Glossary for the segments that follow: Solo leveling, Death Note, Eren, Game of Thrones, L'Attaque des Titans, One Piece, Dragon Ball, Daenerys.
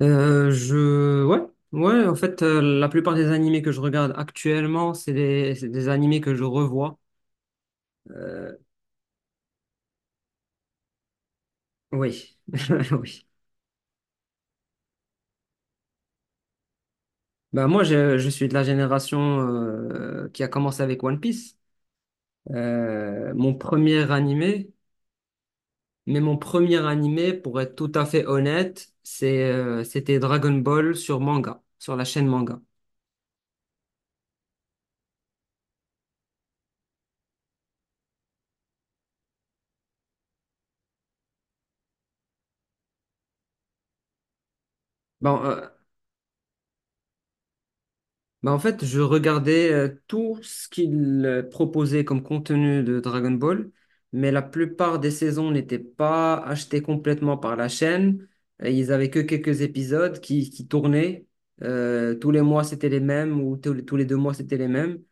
Je ouais ouais en fait, la plupart des animés que je regarde actuellement c'est des animés que je revois. Euh, oui. Oui. Bah moi je suis de la génération, qui a commencé avec One Piece. Mon premier animé. Mais mon premier animé, pour être tout à fait honnête, c'est c'était Dragon Ball sur manga, sur la chaîne manga. bon euh, Bah en fait, je regardais, tout ce qu'il, proposait comme contenu de Dragon Ball, mais la plupart des saisons n'étaient pas achetées complètement par la chaîne. Et ils avaient que quelques épisodes qui tournaient. Tous les mois, c'était les mêmes, ou tous les deux mois, c'était les mêmes.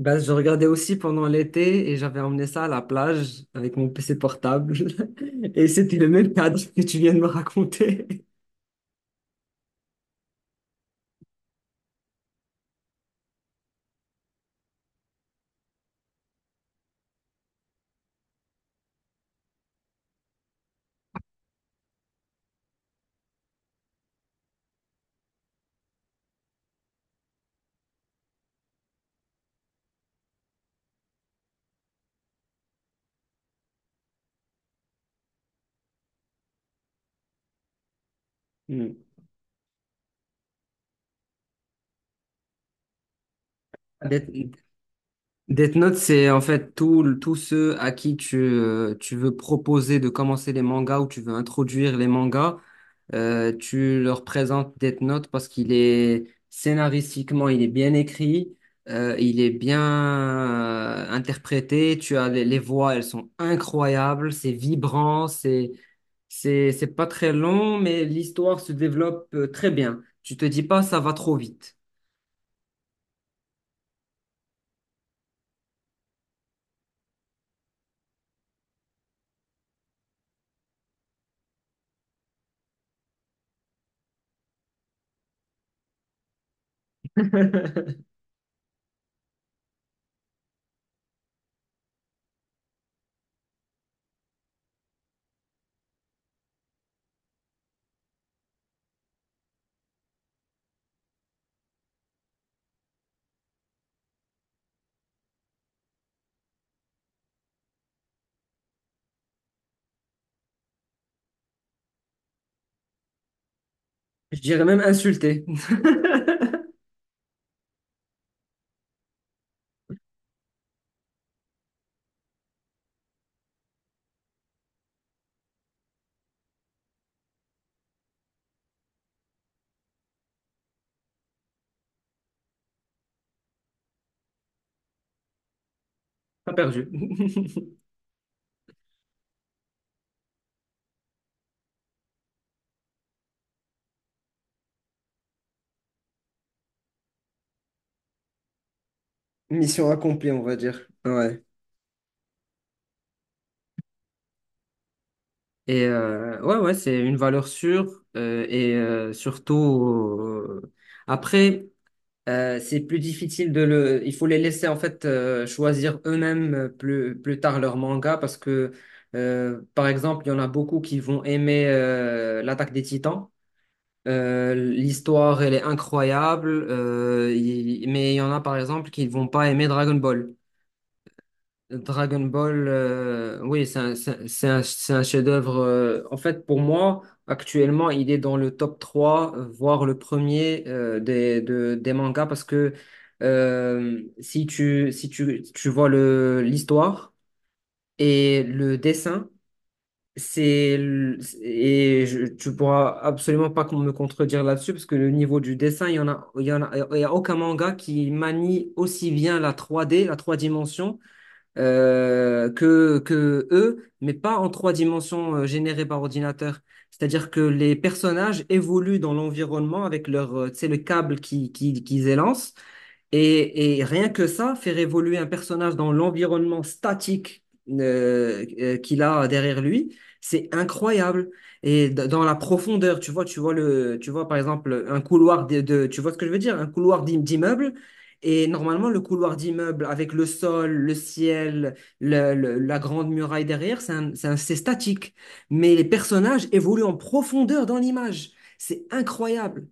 Bah, je regardais aussi pendant l'été et j'avais emmené ça à la plage avec mon PC portable. Et c'était le même cadre que tu viens de me raconter. Mm. Des, Death Note, c'est en fait tout, tous ceux à qui tu, tu veux proposer de commencer les mangas, ou tu veux introduire les mangas, tu leur présentes Death Note parce qu'il est scénaristiquement, il est bien écrit, il est bien interprété, tu as les voix, elles sont incroyables, c'est vibrant, c'est pas très long, mais l'histoire se développe, très bien. Tu te dis pas, ça va trop vite. Je dirais même insulté. Pas perdu. Mission accomplie, on va dire. Ouais. Et ouais, ouais, c'est une valeur sûre, et surtout euh, après, c'est plus difficile de le. Il faut les laisser en fait, choisir eux-mêmes, plus tard leur manga, parce que, par exemple, il y en a beaucoup qui vont aimer, l'Attaque des Titans. L'histoire, elle est incroyable, mais il y en a par exemple qui vont pas aimer Dragon Ball. Dragon Ball, oui, c'est un, c'est un, c'est un chef-d'œuvre. Euh, en fait, pour moi, actuellement, il est dans le top 3, voire le premier, des mangas, parce que, si tu, si tu, tu vois le, l'histoire et le dessin, et je, tu pourras absolument pas me contredire là-dessus, parce que le niveau du dessin, il y a aucun manga qui manie aussi bien la trois d la 3 dimensions, que eux, mais pas en trois dimensions, générées par ordinateur. C'est-à-dire que les personnages évoluent dans l'environnement avec leur, tu sais, le câble qu'ils élancent. Et rien que ça, faire évoluer un personnage dans l'environnement statique, qu'il a derrière lui, c'est incroyable. Et dans la profondeur, tu vois, tu vois par exemple un couloir tu vois ce que je veux dire, un couloir d'immeuble. Et normalement, le couloir d'immeuble avec le sol, le ciel, la grande muraille derrière, c'est statique. Mais les personnages évoluent en profondeur dans l'image. C'est incroyable.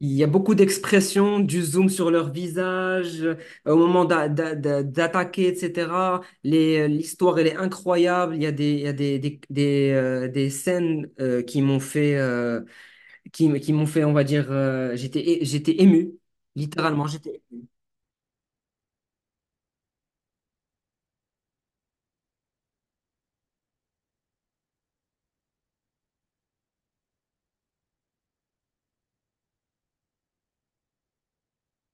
Il y a beaucoup d'expressions, du zoom sur leur visage, au moment d'attaquer, etc. L'histoire, elle est incroyable. Il y a des, des scènes, qui m'ont fait, qui m'ont fait, on va dire, j'étais ému. Littéralement, j'étais.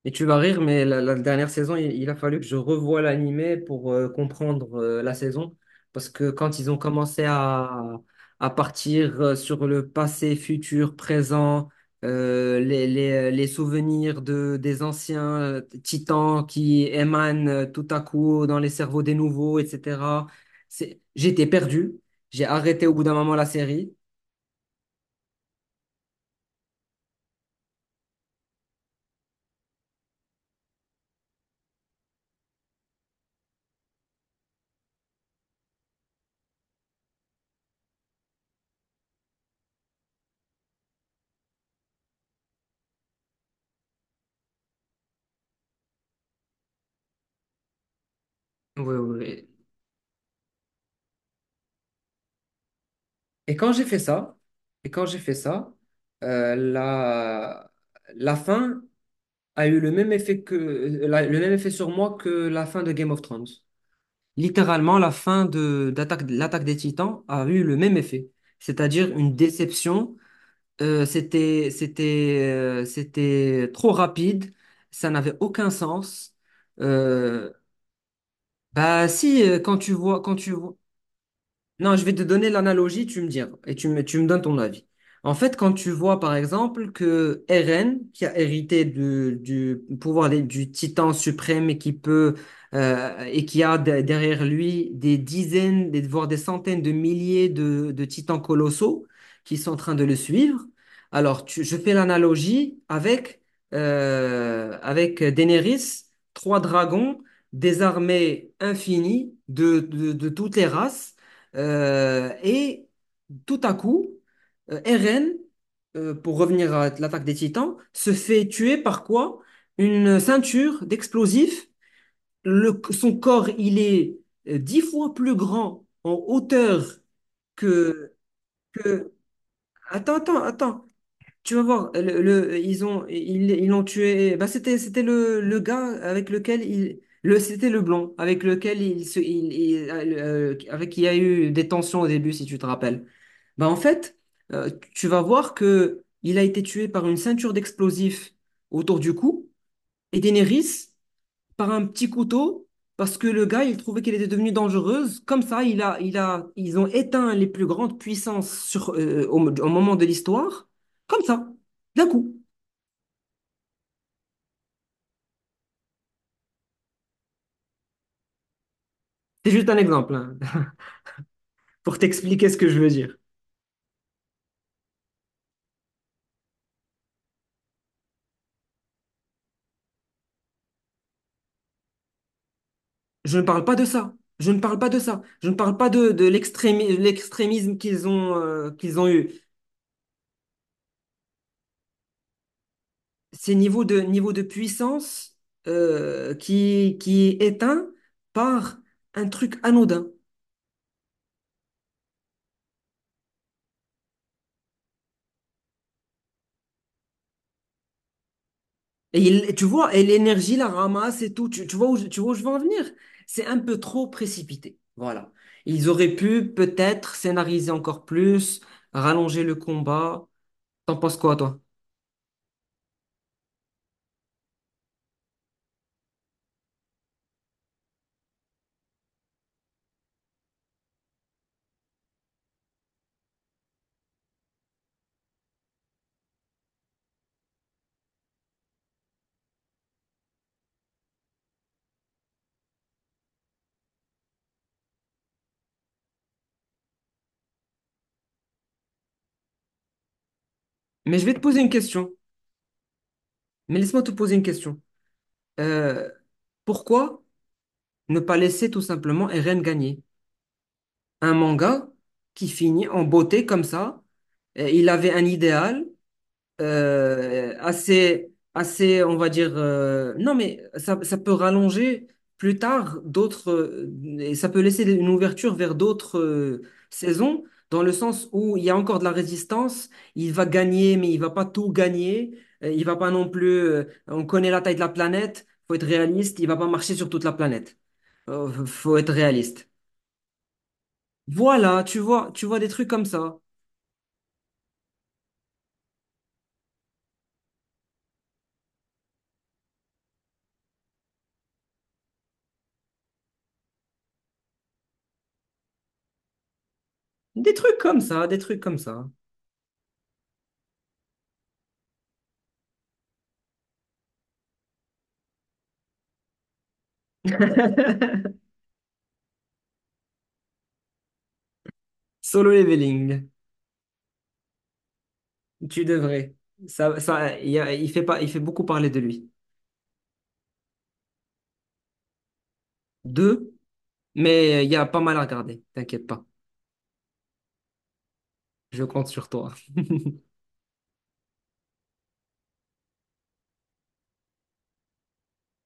Et tu vas rire, mais la dernière saison, il a fallu que je revoie l'animé pour, comprendre, la saison. Parce que quand ils ont commencé à partir, sur le passé, futur, présent, les, les souvenirs des anciens, titans qui émanent, tout à coup dans les cerveaux des nouveaux, etc. J'étais perdu. J'ai arrêté au bout d'un moment la série. Oui, oui. Et quand j'ai fait ça, et quand j'ai fait ça, euh, la, la fin a eu le même effet que le même effet sur moi que la fin de Game of Thrones. Littéralement, la fin de d'attaque l'attaque des Titans a eu le même effet, c'est-à-dire une déception. C'était trop rapide, ça n'avait aucun sens. Euh, bah si, quand tu vois. Non, je vais te donner l'analogie, tu me diras, et tu me donnes ton avis. En fait, quand tu vois, par exemple, que Eren, qui a hérité du pouvoir du titan suprême et qui peut, et qui a derrière lui des dizaines, voire des centaines de milliers de titans colossaux qui sont en train de le suivre, je fais l'analogie avec, avec Daenerys, trois dragons, des armées infinies de, de toutes les races, et tout à coup, Eren, pour revenir à l'attaque des Titans, se fait tuer par quoi? Une ceinture d'explosifs. Son corps, il est, dix fois plus grand en hauteur que, que… Attends, attends, attends. Tu vas voir, ils ont, ils l'ont tué. Bah, c'était le gars avec lequel il… c'était le blond avec lequel il se, il- avec qui il y a eu des tensions au début, si tu te rappelles. Bah, en fait, euh, tu vas voir que il a été tué par une ceinture d'explosifs autour du cou, et Daenerys par un petit couteau parce que le gars, il trouvait qu'elle était devenue dangereuse. Comme ça, ils ont éteint les plus grandes puissances sur, au moment de l'histoire. Comme ça, d'un coup. C'est juste un exemple, hein, pour t'expliquer ce que je veux dire. Je ne parle pas de ça. Je ne parle pas de ça. Je ne parle pas de l'extrémisme qu'ils ont eu. C'est niveau de puissance, qui est éteint par un truc anodin. Et tu vois, et l'énergie la ramasse et tout. Tu vois où, tu vois où je veux en venir? C'est un peu trop précipité. Voilà. Ils auraient pu peut-être scénariser encore plus, rallonger le combat. T'en penses quoi, toi? Mais je vais te poser une question. Mais laisse-moi te poser une question. Euh, pourquoi ne pas laisser tout simplement Eren gagner? Un manga qui finit en beauté comme ça. Il avait un idéal, assez, on va dire, non, mais ça peut rallonger plus tard d'autres, et ça peut laisser une ouverture vers d'autres, saisons, dans le sens où il y a encore de la résistance, il va gagner, mais il va pas tout gagner, il va pas non plus, on connaît la taille de la planète, faut être réaliste, il va pas marcher sur toute la planète. Faut être réaliste. Voilà, tu vois des trucs comme ça. Des trucs comme ça, des trucs comme ça. Solo leveling, tu devrais. Ça, il fait pas, il fait beaucoup parler de lui. Deux, mais il y a pas mal à regarder, t'inquiète pas. Je compte sur toi.